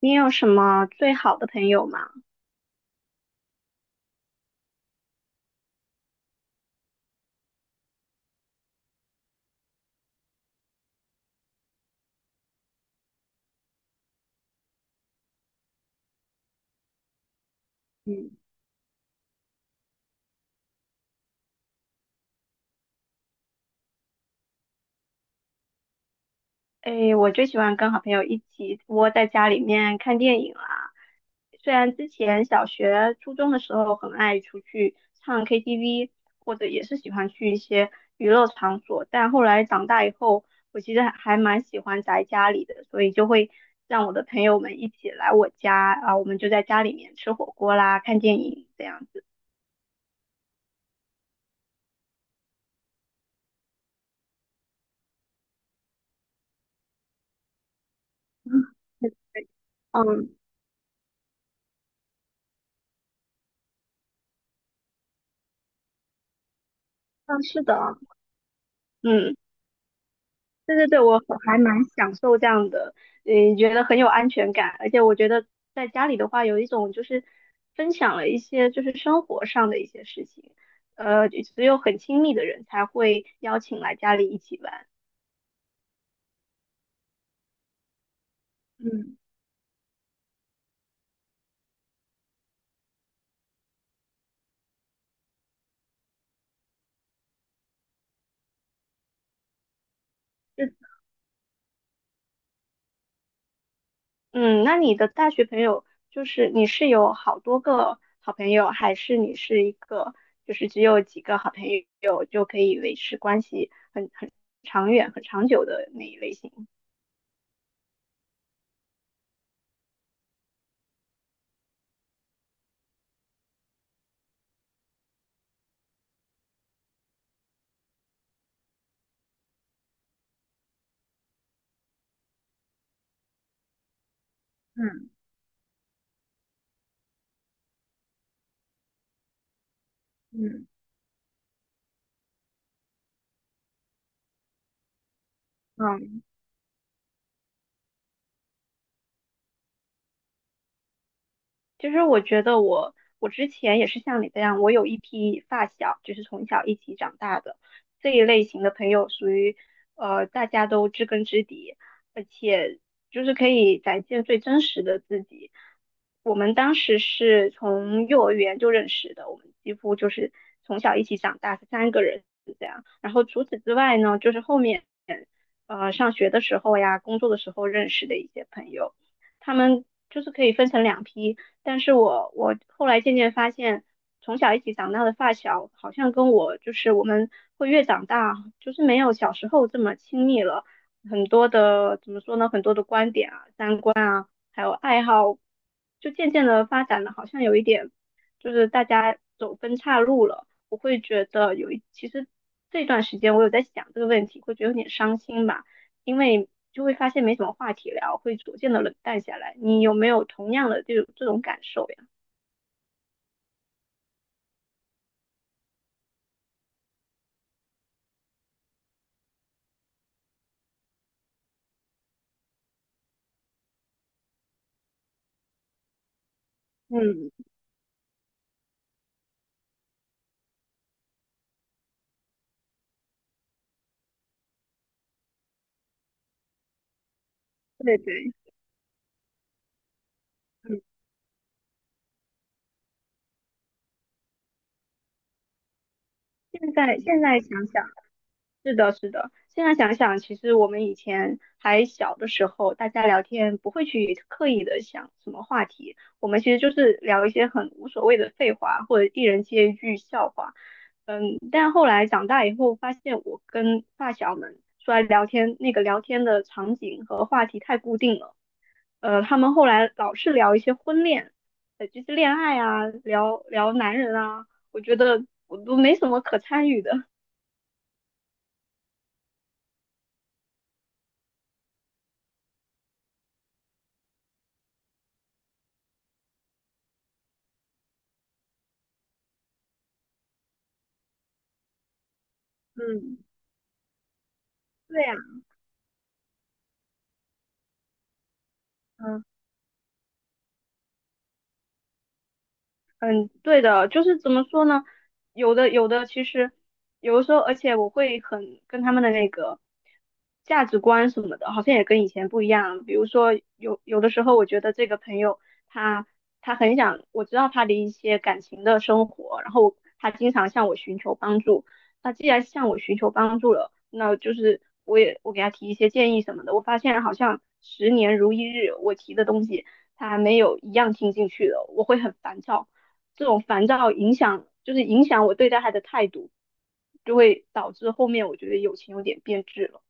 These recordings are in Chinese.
你有什么最好的朋友吗？嗯，诶，我最喜欢跟好朋友一起窝在家里面看电影啦。虽然之前小学、初中的时候很爱出去唱 KTV，或者也是喜欢去一些娱乐场所，但后来长大以后，我其实还蛮喜欢宅家里的，所以就会让我的朋友们一起来我家啊，我们就在家里面吃火锅啦、看电影这样子。嗯，嗯，是的，嗯，对对对，我很还蛮享受这样的，嗯，觉得很有安全感，而且我觉得在家里的话，有一种就是分享了一些就是生活上的一些事情，只有很亲密的人才会邀请来家里一起玩。嗯，是，嗯，那你的大学朋友就是你是有好多个好朋友，还是你是一个就是只有几个好朋友就可以维持关系很长远、很长久的那一类型？嗯嗯，其实我觉得我之前也是像你这样，我有一批发小，就是从小一起长大的这一类型的朋友，属于大家都知根知底，而且就是可以展现最真实的自己。我们当时是从幼儿园就认识的，我们几乎就是从小一起长大，3个人。然后除此之外呢，就是后面上学的时候呀，工作的时候认识的一些朋友，他们就是可以分成2批。但是我后来渐渐发现，从小一起长大的发小，好像跟我就是我们会越长大，就是没有小时候这么亲密了。很多的怎么说呢？很多的观点啊、三观啊，还有爱好，就渐渐的发展的，好像有一点就是大家走分岔路了。我会觉得有一，其实这段时间我有在想这个问题，会觉得有点伤心吧，因为就会发现没什么话题聊，会逐渐的冷淡下来。你有没有同样的这种感受呀？嗯，对对，嗯，现在想想。是的，是的。现在想想，其实我们以前还小的时候，大家聊天不会去刻意的想什么话题，我们其实就是聊一些很无所谓的废话，或者一人接一句笑话。嗯，但后来长大以后，发现我跟发小们出来聊天，那个聊天的场景和话题太固定了。他们后来老是聊一些婚恋，就是恋爱啊，聊聊男人啊，我觉得我都没什么可参与的。嗯，对呀，嗯。嗯，对的，就是怎么说呢？有的，其实有的时候，而且我会很跟他们的那个价值观什么的，好像也跟以前不一样。比如说，有有的时候，我觉得这个朋友他他很想，我知道他的一些感情的生活，然后他经常向我寻求帮助。那既然向我寻求帮助了，那就是我也我给他提一些建议什么的。我发现好像十年如一日，我提的东西。他没有一样听进去的，我会很烦躁。这种烦躁影响，就是影响我对待他的态度，就会导致后面我觉得友情有点变质了。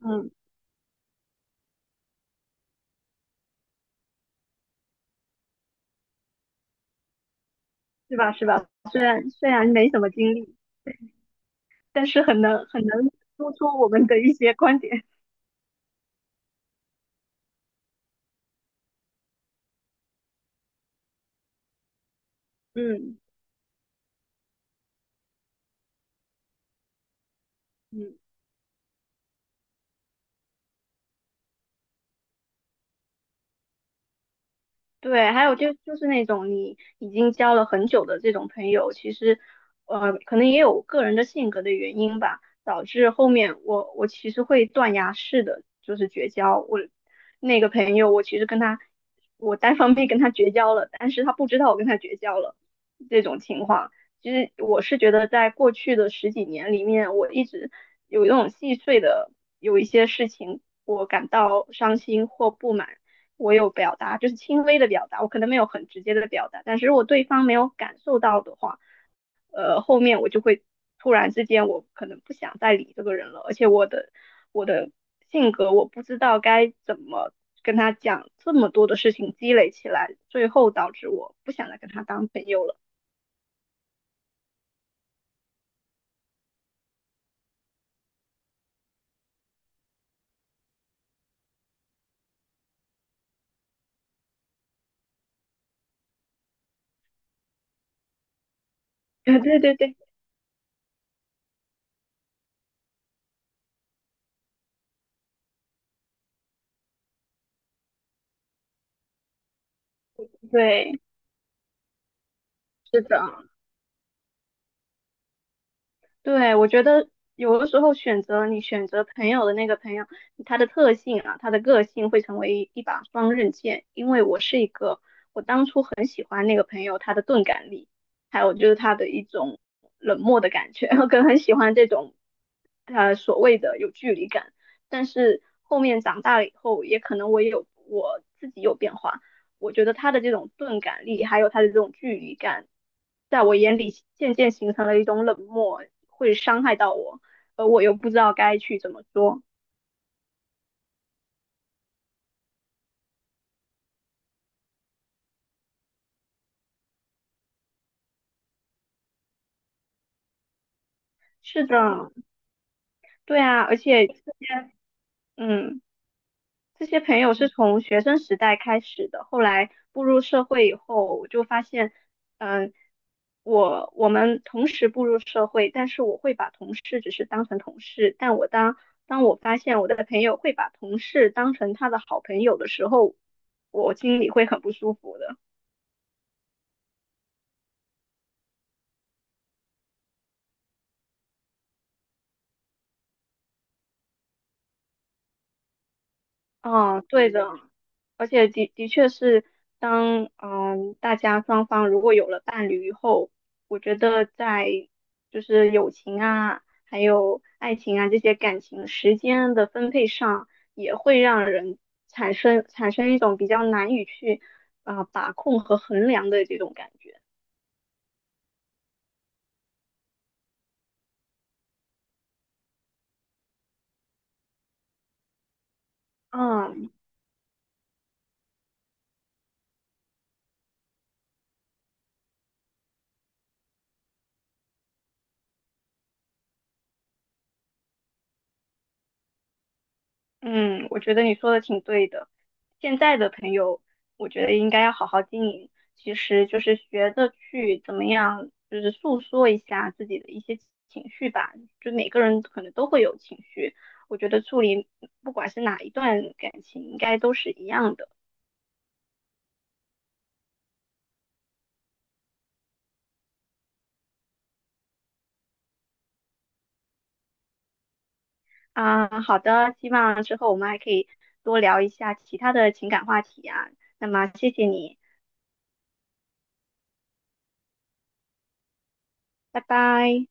嗯，是吧？是吧？虽然没什么经历，但是很能说出我们的一些观点。嗯嗯。对，还有就是那种你已经交了很久的这种朋友，其实，可能也有个人的性格的原因吧，导致后面我其实会断崖式的就是绝交。我那个朋友，我其实跟他，我单方面跟他绝交了，但是他不知道我跟他绝交了这种情况。其实我是觉得，在过去的十几年里面，我一直有一种细碎的有一些事情，我感到伤心或不满。我有表达，就是轻微的表达，我可能没有很直接的表达，但是如果对方没有感受到的话，后面我就会突然之间，我可能不想再理这个人了，而且我的性格，我不知道该怎么跟他讲，这么多的事情积累起来，最后导致我不想再跟他当朋友了。对对对对，对，是的，对，我觉得有的时候选择你选择朋友的那个朋友，他的特性啊，他的个性会成为一把双刃剑。因为我是一个很喜欢那个朋友他的钝感力，还有就是他的一种冷漠的感觉，我可能很喜欢这种所谓的有距离感。但是后面长大了以后，也可能我也有我自己有变化，我觉得他的这种钝感力，还有他的这种距离感，在我眼里渐渐形成了一种冷漠，会伤害到我，而我又不知道该去怎么说。是的，对啊，而且这些，嗯。这些朋友是从学生时代开始的，后来步入社会以后，我就发现，嗯，我我们同时步入社会，但是我会把同事只是当成同事，但我当当我发现我的朋友会把同事当成他的好朋友的时候，我心里会很不舒服的。嗯，对的，而且的确是当，嗯大家双方如果有了伴侣以后，我觉得在就是友情啊，还有爱情啊这些感情时间的分配上，产生一种比较难以去把控和衡量的这种感觉。嗯，嗯，我觉得你说的挺对的。现在的朋友，我觉得应该要好好经营。其实就是学着去怎么样，就是诉说一下自己的一些情绪吧。就每个人可能都会有情绪，我觉得处理不管是哪一段感情，应该都是一样的。啊，好的，希望之后我们还可以多聊一下其他的情感话题啊。那么谢谢你，拜拜。